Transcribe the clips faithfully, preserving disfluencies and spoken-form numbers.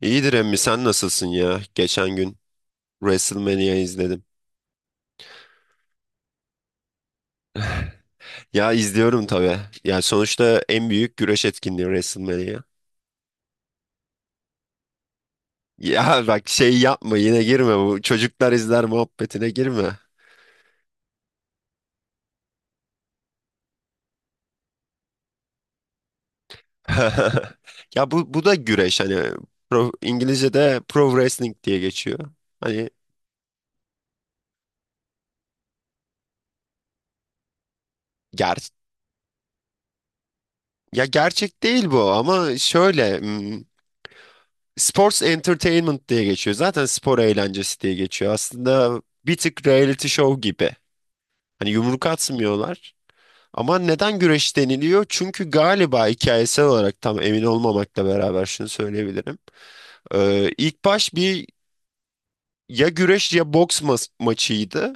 İyidir emmi, sen nasılsın ya? Geçen gün WrestleMania izledim. Ya izliyorum tabii. Ya sonuçta en büyük güreş etkinliği WrestleMania. Ya bak, şey yapma, yine girme bu çocuklar izler muhabbetine, girme. Ya bu bu da güreş hani pro, İngilizce'de pro wrestling diye geçiyor. Hani ger ya gerçek değil bu, ama şöyle hmm, sports entertainment diye geçiyor. Zaten spor eğlencesi diye geçiyor. Aslında bir tık reality show gibi. Hani yumruk atmıyorlar. Ama neden güreş deniliyor? Çünkü galiba, hikayesel olarak tam emin olmamakla beraber, şunu söyleyebilirim. Ee, ilk baş bir ya güreş ya boks mas- maçıydı.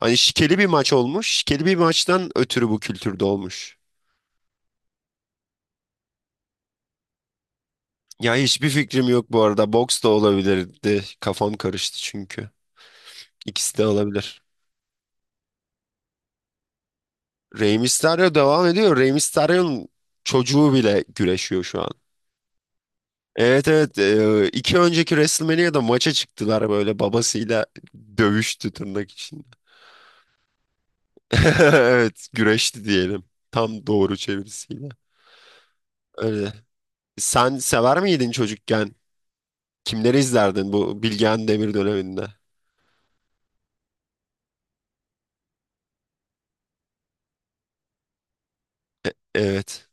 Hani şikeli bir maç olmuş. Şikeli bir maçtan ötürü bu kültürde olmuş. Ya hiçbir fikrim yok bu arada. Boks da olabilirdi. Kafam karıştı çünkü. İkisi de olabilir. Rey Mysterio devam ediyor. Rey Mysterio'nun çocuğu bile güreşiyor şu an. Evet, evet. Ee, iki önceki WrestleMania'da maça çıktılar, böyle babasıyla dövüştü tırnak için. Evet, güreşti diyelim, tam doğru çevirisiyle. Öyle. Sen sever miydin çocukken? Kimleri izlerdin bu Bilgehan Demir döneminde? Evet.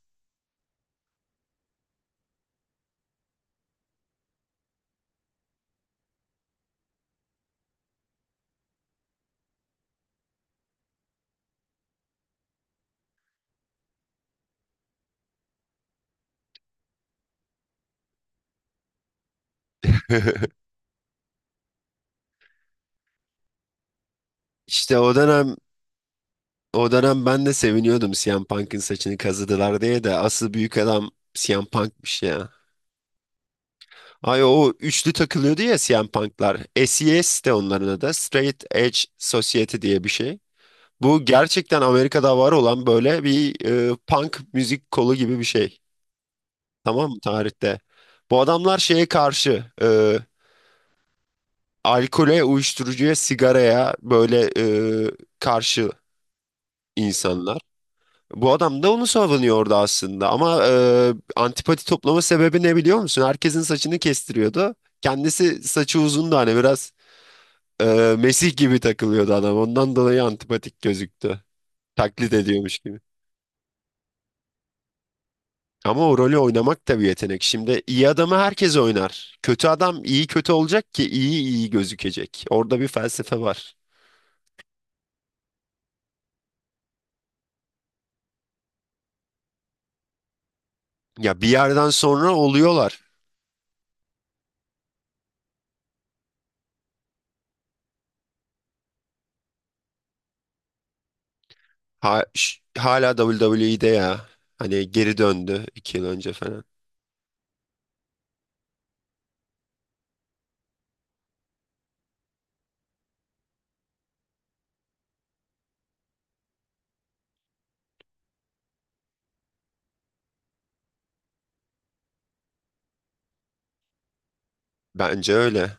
İşte o dönem o dönem ben de seviniyordum C M Punk'ın saçını kazıdılar diye, de asıl büyük adam C M Punk'mış ya. Ay, o üçlü takılıyordu ya C M Punk'lar. S E S de onların adı. Straight Edge Society diye bir şey. Bu gerçekten Amerika'da var olan böyle bir e, punk müzik kolu gibi bir şey. Tamam mı, tarihte? Bu adamlar şeye karşı, e, alkole, uyuşturucuya, sigaraya, böyle e, karşı insanlar. Bu adam da onu savunuyordu aslında, ama e, antipati toplama sebebi ne biliyor musun? Herkesin saçını kestiriyordu. Kendisi saçı uzundu hani biraz. Ee, Mesih gibi takılıyordu adam. Ondan dolayı antipatik gözüktü. Taklit ediyormuş gibi. Ama o rolü oynamak da bir yetenek. Şimdi iyi adamı herkes oynar. Kötü adam iyi kötü olacak ki iyi iyi gözükecek. Orada bir felsefe var. Ya bir yerden sonra oluyorlar. Ha- ş- hala W W E'de ya. Hani geri döndü iki yıl önce falan. Bence öyle.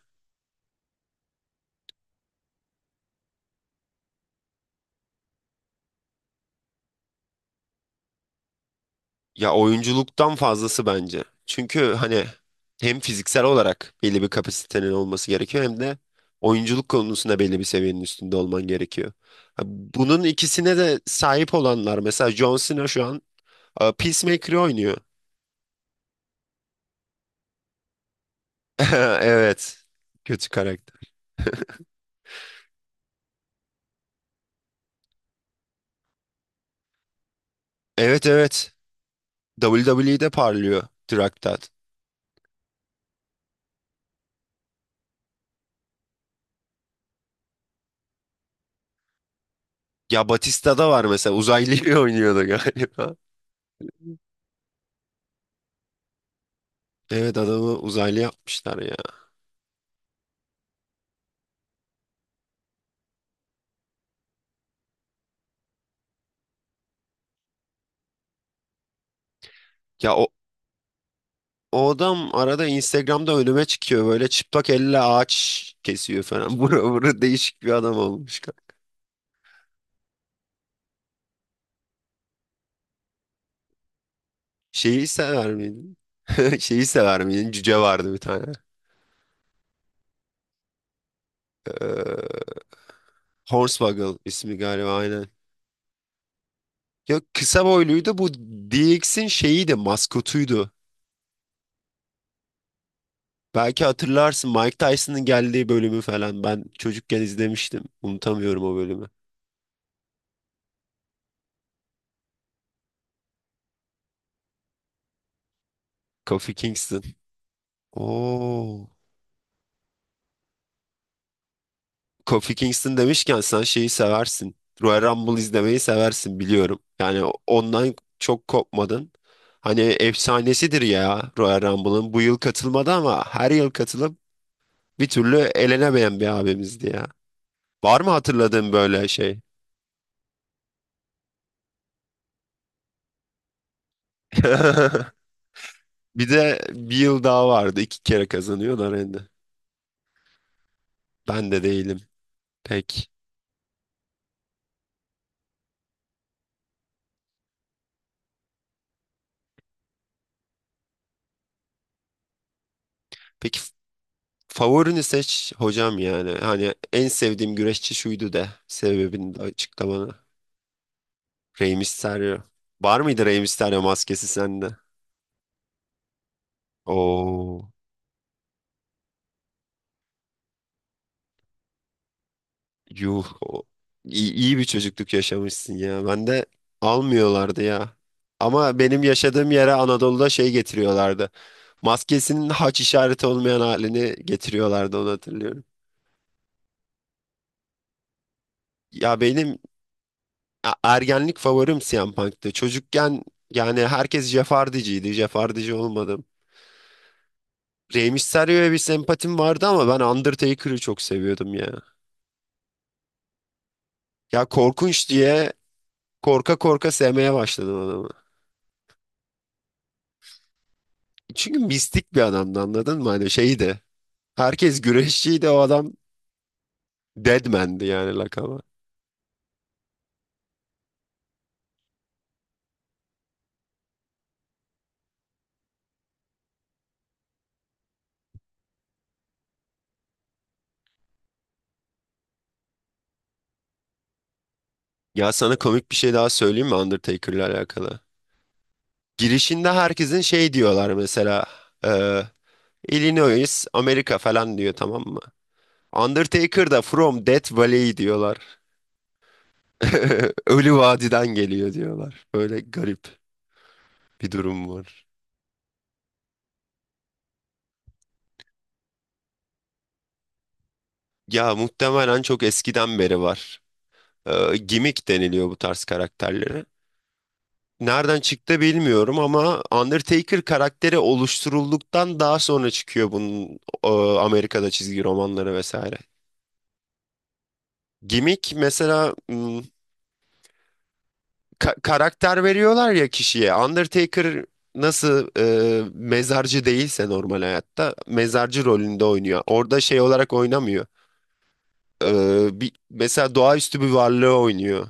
Ya oyunculuktan fazlası bence. Çünkü hani hem fiziksel olarak belli bir kapasitenin olması gerekiyor, hem de oyunculuk konusunda belli bir seviyenin üstünde olman gerekiyor. Ha, Bunun ikisine de sahip olanlar, mesela John Cena şu an e, Peacemaker'ı oynuyor. Evet. Kötü karakter. Evet, evet. W W E'de parlıyor Traktat. Ya Batista da var mesela, uzaylıyı oynuyordu galiba. Evet, adamı uzaylı yapmışlar ya. Ya o, o adam arada Instagram'da önüme çıkıyor, böyle çıplak elle ağaç kesiyor falan. Bura bura değişik bir adam olmuş. Şeyi sever miydin? Şeyi sever miydin? Cüce vardı bir tane. Ee, Hornswoggle ismi galiba, aynen. Ya kısa boyluydu bu, D X'in şeyiydi, maskotuydu. Belki hatırlarsın Mike Tyson'ın geldiği bölümü falan. Ben çocukken izlemiştim. Unutamıyorum o bölümü. Kofi Kingston. Oo. Kofi Kingston demişken, sen şeyi seversin. Royal Rumble izlemeyi seversin, biliyorum. Yani ondan çok kopmadın. Hani efsanesidir ya Royal Rumble'ın. Bu yıl katılmadı, ama her yıl katılıp bir türlü elenemeyen bir abimizdi ya. Var mı hatırladığın böyle şey? Bir de bir yıl daha vardı. İki kere kazanıyor da Randy. Ben de değilim. Peki. Peki, favorini seç hocam yani. Hani en sevdiğim güreşçi şuydu de. Sebebini de açıklamanı. Rey Mysterio. Var mıydı Rey Mysterio maskesi sende? Oo, yuh. o- İyi, iyi bir çocukluk yaşamışsın ya. Ben de almıyorlardı ya. Ama benim yaşadığım yere, Anadolu'da, şey getiriyorlardı. Maskesinin haç işareti olmayan halini getiriyorlardı, onu hatırlıyorum. Ya benim a- ergenlik favorim C M Punk'tı. Çocukken yani herkes Jeff Hardy'ciydi. Jeff Hardy'ci olmadım. Rey Mysterio'ya bir sempatim vardı, ama ben Undertaker'ı çok seviyordum ya. Ya korkunç diye korka korka sevmeye başladım adamı. Çünkü mistik bir adamdı, anladın mı? Hani şeydi. Herkes güreşçiydi, o adam Deadman'di yani, lakabı. Ya sana komik bir şey daha söyleyeyim mi Undertaker'la alakalı? Girişinde herkesin şey diyorlar mesela. E, Illinois, Amerika falan diyor, tamam mı? Undertaker da From Death Valley diyorlar. Ölü vadiden geliyor diyorlar. Böyle garip bir durum var. Ya muhtemelen çok eskiden beri var. Ee, gimmick deniliyor bu tarz karakterlere. Nereden çıktı bilmiyorum, ama Undertaker karakteri oluşturulduktan daha sonra çıkıyor bunun, e, Amerika'da çizgi romanları vesaire. Gimmick mesela, m, ka- karakter veriyorlar ya kişiye. Undertaker nasıl e, mezarcı değilse normal hayatta, mezarcı rolünde oynuyor. Orada şey olarak oynamıyor. Ee, bir, mesela doğaüstü bir varlığı oynuyor.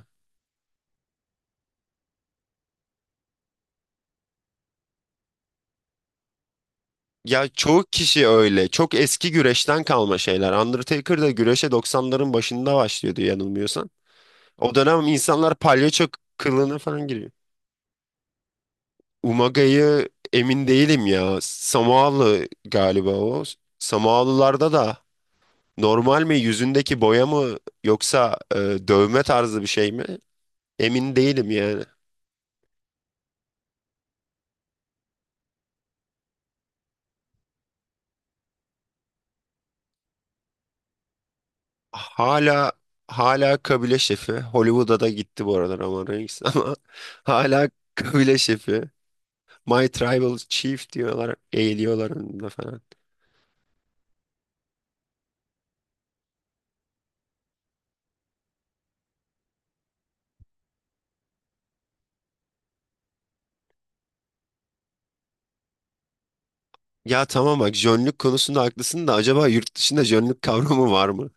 Ya çoğu kişi öyle. Çok eski güreşten kalma şeyler. Undertaker da güreşe doksanların başında başlıyordu yanılmıyorsam. O dönem insanlar palyaço kılığına falan giriyor. Umaga'yı emin değilim ya. Samoalı galiba o. Samoalılarda da normal mi, yüzündeki boya mı, yoksa e, dövme tarzı bir şey mi? Emin değilim yani. Hala hala kabile şefi. Hollywood'a da gitti bu aralar ama Reigns, ama hala kabile şefi. My Tribal Chief diyorlar, eğiliyorlar önünde falan. Ya tamam, bak, jönlük konusunda haklısın da, acaba yurt dışında jönlük kavramı var mı?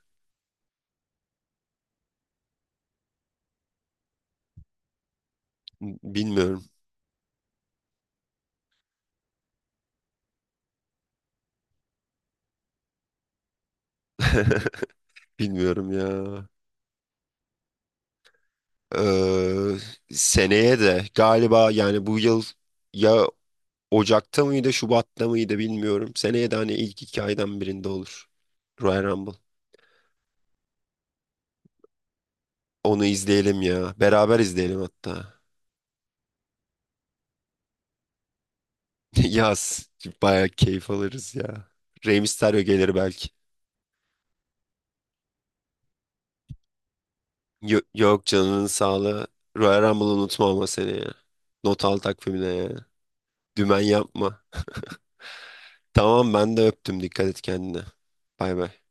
Bilmiyorum, bilmiyorum ya. Ee, seneye de galiba, yani bu yıl ya Ocak'ta mıydı, Şubat'ta mıydı, bilmiyorum. Seneye de hani ilk iki aydan birinde olur. Royal Rumble. Onu izleyelim ya. Beraber izleyelim hatta. Yaz. Bayağı keyif alırız ya. Rey Mysterio gelir belki. Yo- Yok, canının sağlığı. Royal Rumble'ı unutma ama, seni ya. Not al takvimine ya. Dümen yapma. Tamam, ben de öptüm. Dikkat et kendine. Bay bay.